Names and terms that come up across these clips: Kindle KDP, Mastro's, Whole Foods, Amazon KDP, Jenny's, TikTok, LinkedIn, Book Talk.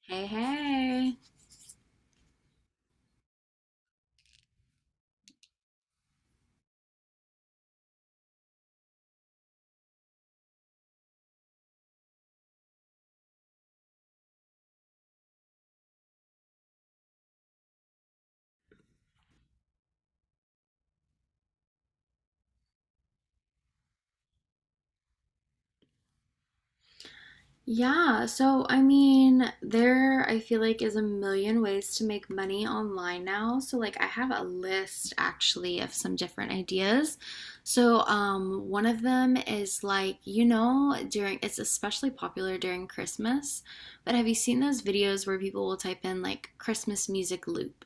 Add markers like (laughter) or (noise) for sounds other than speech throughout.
Hey, hey. Yeah, so I mean, there I feel like is a million ways to make money online now. So like I have a list actually of some different ideas. So one of them is like, during it's especially popular during Christmas, but have you seen those videos where people will type in like Christmas music loop,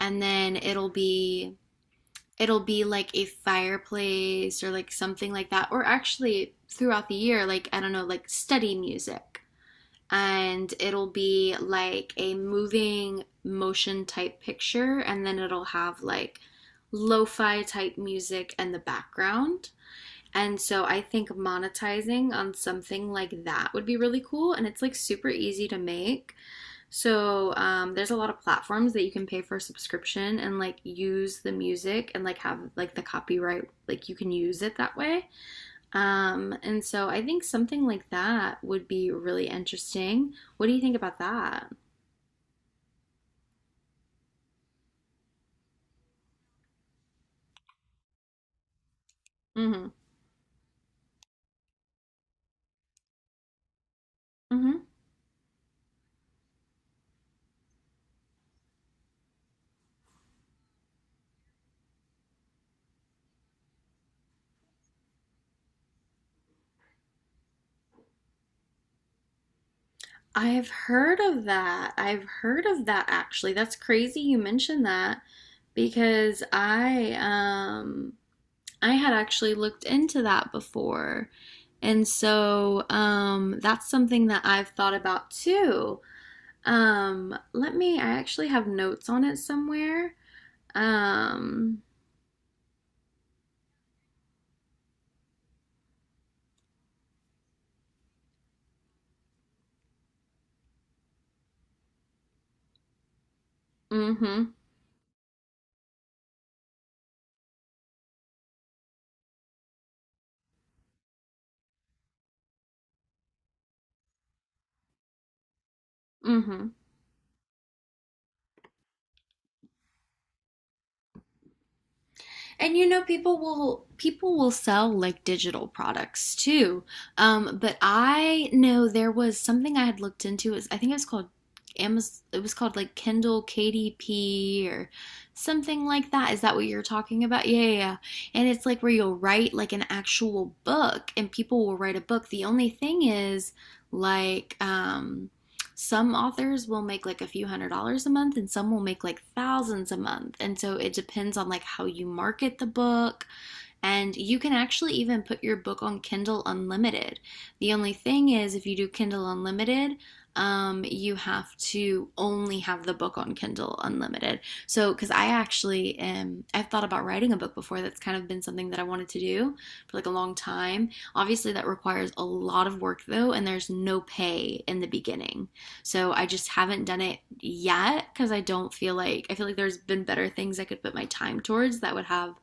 and then it'll be like a fireplace or like something like that, or actually throughout the year, like I don't know, like study music, and it'll be like a moving motion type picture, and then it'll have like lo-fi type music in the background? And so I think monetizing on something like that would be really cool. And it's like super easy to make. So there's a lot of platforms that you can pay for a subscription and like use the music and like have like the copyright, like you can use it that way. And so I think something like that would be really interesting. What do you think about that? Mm-hmm. Mm-hmm. I've heard of that. I've heard of that actually. That's crazy you mentioned that because I had actually looked into that before. And so that's something that I've thought about too. I actually have notes on it somewhere. Um, mm hmm, mm hmm. And people will sell like digital products too. But I know there was something I had looked into. It was, I think it was called Amazon. It was called like Kindle KDP or something like that. Is that what you're talking about? Yeah, yeah, yeah. And it's like where you'll write like an actual book, and people will write a book. The only thing is, like, some authors will make like a few hundred dollars a month, and some will make like thousands a month. And so it depends on like how you market the book, and you can actually even put your book on Kindle Unlimited. The only thing is, if you do Kindle Unlimited, you have to only have the book on Kindle Unlimited. So, because I actually am, I've thought about writing a book before. That's kind of been something that I wanted to do for like a long time. Obviously, that requires a lot of work though, and there's no pay in the beginning. So, I just haven't done it yet because I don't feel like, I feel like there's been better things I could put my time towards that would have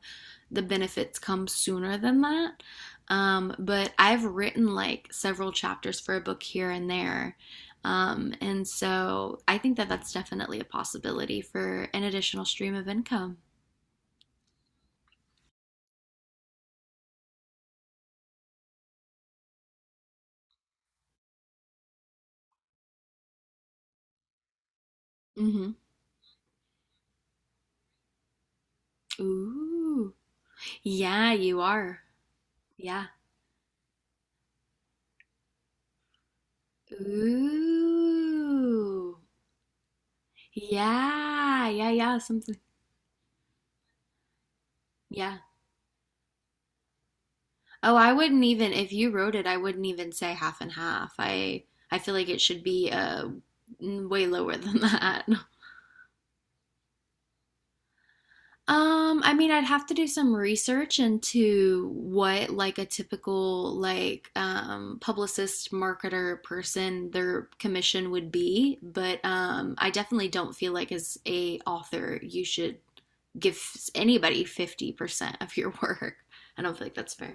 the benefits come sooner than that. But I've written like several chapters for a book here and there. And so I think that that's definitely a possibility for an additional stream of income. Hmm. Ooh. Yeah, you are. Yeah. Ooh. Yeah. Yeah. Yeah. Something. Yeah. Oh, I wouldn't, even if you wrote it, I wouldn't even say half and half. I feel like it should be way lower (laughs) than that. I mean, I'd have to do some research into what like a typical like publicist, marketer person their commission would be, but I definitely don't feel like as a author you should give anybody 50% of your (laughs) work. I don't feel like that's fair.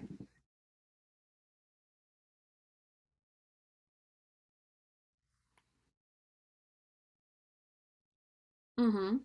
Mm-hmm.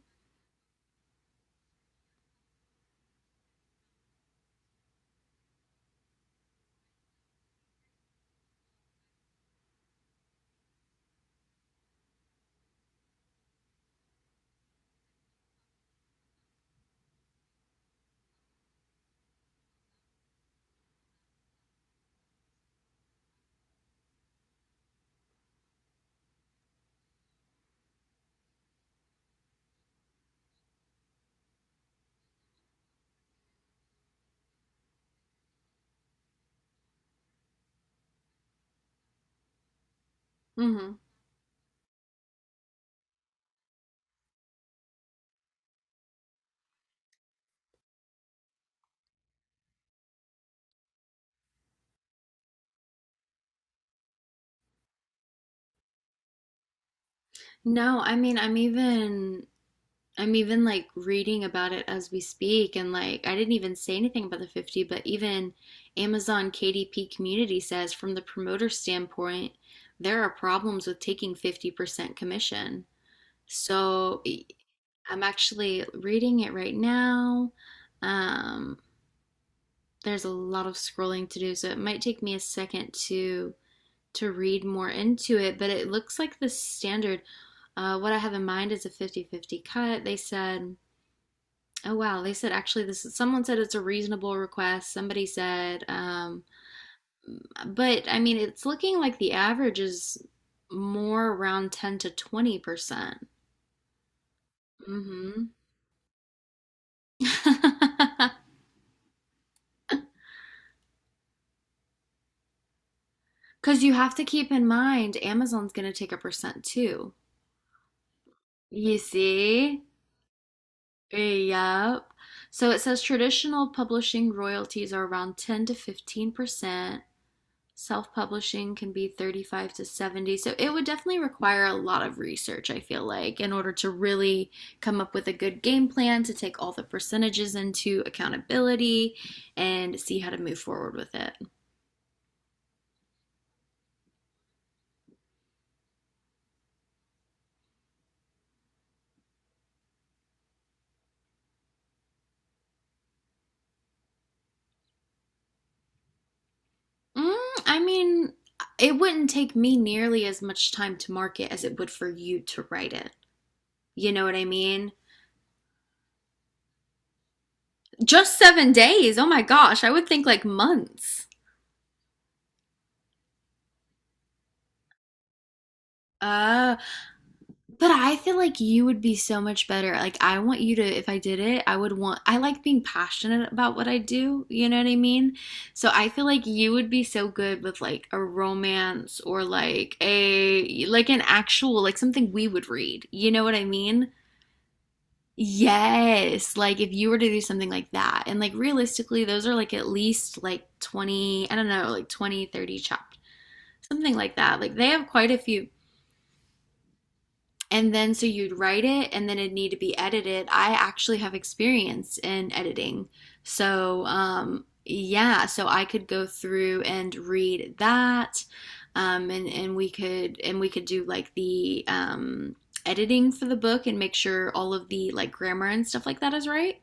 Mm-hmm. No, I mean, I'm even like reading about it as we speak, and like I didn't even say anything about the 50, but even Amazon KDP community says from the promoter standpoint, there are problems with taking 50% commission. So I'm actually reading it right now. Um, there's a lot of scrolling to do, so it might take me a second to read more into it, but it looks like the standard. What I have in mind is a fifty-fifty cut. They said, "Oh wow," they said actually, someone said, it's a reasonable request. Somebody said but I mean it's looking like the average is more around 10 to 20%. Mhm. Cuz (laughs) you have to keep in mind Amazon's going to take a percent too. You see? Yep. So it says traditional publishing royalties are around 10 to 15%. Self-publishing can be 35 to 70, so it would definitely require a lot of research, I feel like, in order to really come up with a good game plan to take all the percentages into accountability and see how to move forward with it. mm, I mean, it wouldn't take me nearly as much time to market as it would for you to write it, you know what I mean? Just 7 days? Oh my gosh, I would think like months. uh But I feel like you would be so much better. Like, I want you to, if I did it, I would want, I like being passionate about what I do. You know what I mean? So I feel like you would be so good with like a romance, or like an actual, like something we would read. You know what I mean? Yes. Like, if you were to do something like that. And like, realistically, those are like at least like 20, I don't know, like twenty thirty 30 chapters, something like that. Like, they have quite a few. And then so you'd write it, and then it'd need to be edited. I actually have experience in editing. So, yeah, so I could go through and read that. And we could do like the editing for the book, and make sure all of the like grammar and stuff like that is right,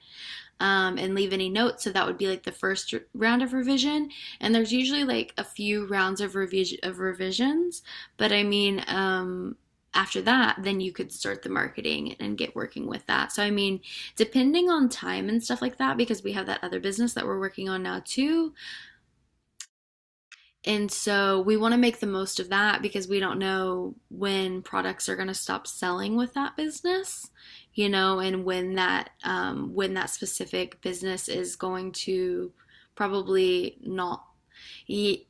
and leave any notes. So that would be like the first round of revision. And there's usually like a few rounds of revision of revisions. But I mean, after that, then you could start the marketing and get working with that. So, I mean, depending on time and stuff like that, because we have that other business that we're working on now too, and so we want to make the most of that because we don't know when products are going to stop selling with that business, you know, and when that specific business is going to probably not, he,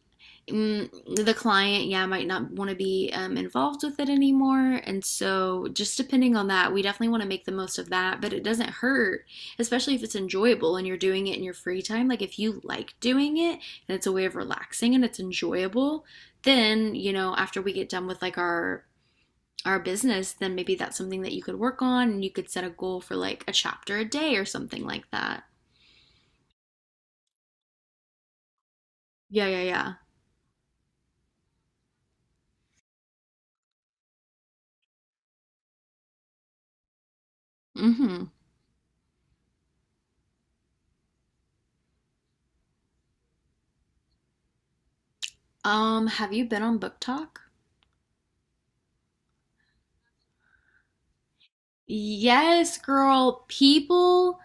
mm, the client, yeah, might not want to be involved with it anymore. And so, just depending on that, we definitely want to make the most of that. But it doesn't hurt, especially if it's enjoyable and you're doing it in your free time. Like, if you like doing it and it's a way of relaxing and it's enjoyable, then, after we get done with like our business, then maybe that's something that you could work on, and you could set a goal for like a chapter a day or something like that. Yeah, yeah, yeah. Mhm. Have you been on Book Talk? Yes, girl. People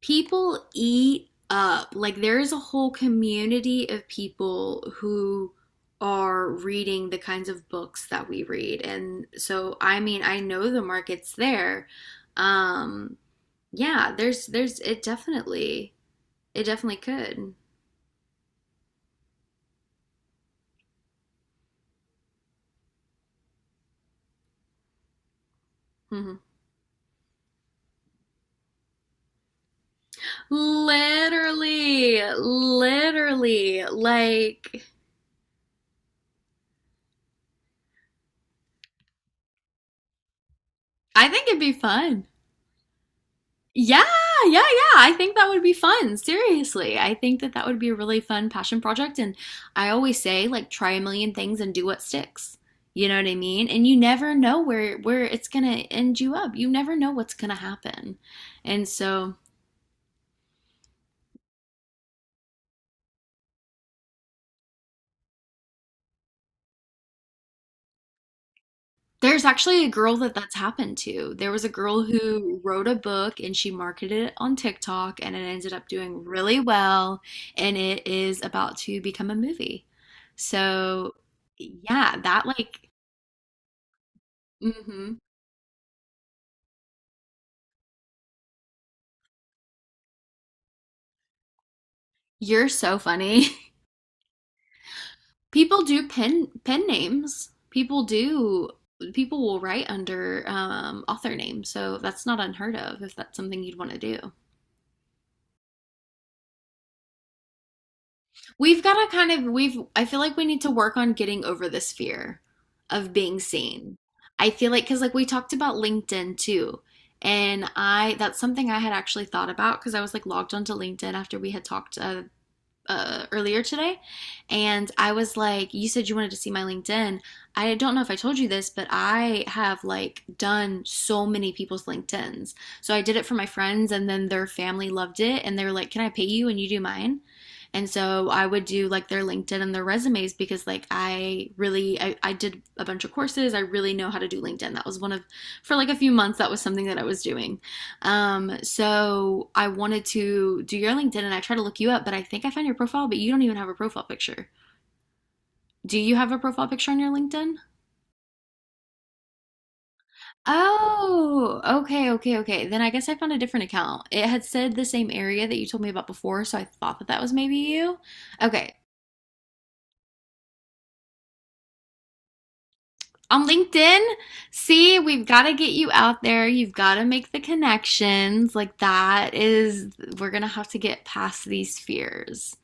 people eat up. Like there is a whole community of people who are reading the kinds of books that we read. And so I mean, I know the market's there. Um yeah, there's it definitely could. Mhm. Literally, literally, like, I think it'd be fun. Yeah, yeah, yeah. I think that would be fun. Seriously. I think that that would be a really fun passion project. And I always say, like, try a million things and do what sticks. You know what I mean? And you never know where it's gonna end you up. You never know what's gonna happen. And so there's actually a girl that that's happened to. There was a girl who wrote a book and she marketed it on TikTok, and it ended up doing really well, and it is about to become a movie. So, yeah, that like, hmm. You're so funny. (laughs) People do pen names. People will write under author names. So that's not unheard of if that's something you'd want to do. We've got to kind of we've I feel like we need to work on getting over this fear of being seen. I feel like because like we talked about LinkedIn too. That's something I had actually thought about because I was like logged onto LinkedIn after we had talked, earlier today, and I was like, "You said you wanted to see my LinkedIn. I don't know if I told you this, but I have like done so many people's LinkedIn's." So I did it for my friends, and then their family loved it, and they were like, "Can I pay you and you do mine?" And so I would do like their LinkedIn and their resumes because like I did a bunch of courses. I really know how to do LinkedIn. That was one of for like a few months that was something that I was doing. So I wanted to do your LinkedIn and I tried to look you up, but I think I found your profile, but you don't even have a profile picture. Do you have a profile picture on your LinkedIn? Oh, okay, okay, okay. Then I guess I found a different account. It had said the same area that you told me about before, so I thought that that was maybe you. Okay. On LinkedIn, see, we've got to get you out there. You've got to make the connections. Like, that is, we're going to have to get past these fears.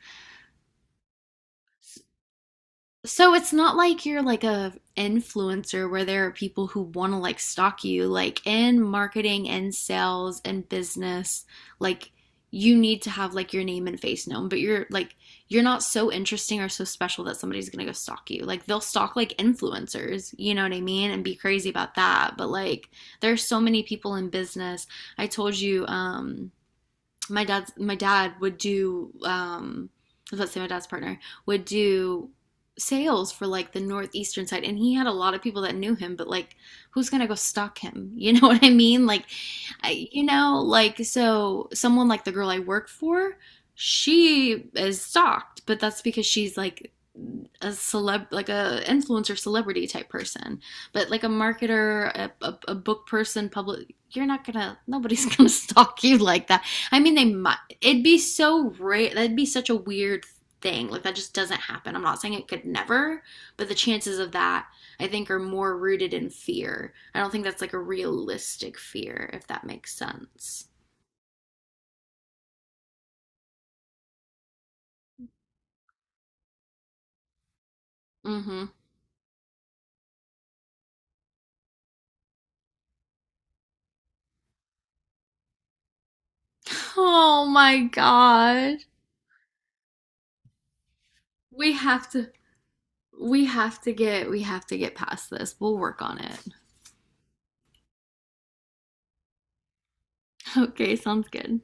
So it's not like you're like a influencer where there are people who want to like stalk you, like in marketing and sales and business, like you need to have like your name and face known, but you're like you're not so interesting or so special that somebody's going to go stalk you. Like they'll stalk like influencers, you know what I mean, and be crazy about that. But like there's so many people in business. I told you my dad would do let's say my dad's partner would do sales for like the northeastern side, and he had a lot of people that knew him, but like who's gonna go stalk him? (laughs) You know what I mean? Like, I, you know like so someone like the girl I work for, she is stalked, but that's because she's like a celeb, like a influencer celebrity type person. But like a marketer, a book person, public, you're not gonna, nobody's (laughs) gonna stalk you like that. I mean, they might. It'd be so rare. That'd be such a weird thing. Like that just doesn't happen. I'm not saying it could never, but the chances of that I think are more rooted in fear. I don't think that's like a realistic fear, if that makes sense. Mm-hmm. (laughs) Oh my god. We have to we have to get we have to get past this. We'll work on it. (laughs) Okay, sounds good.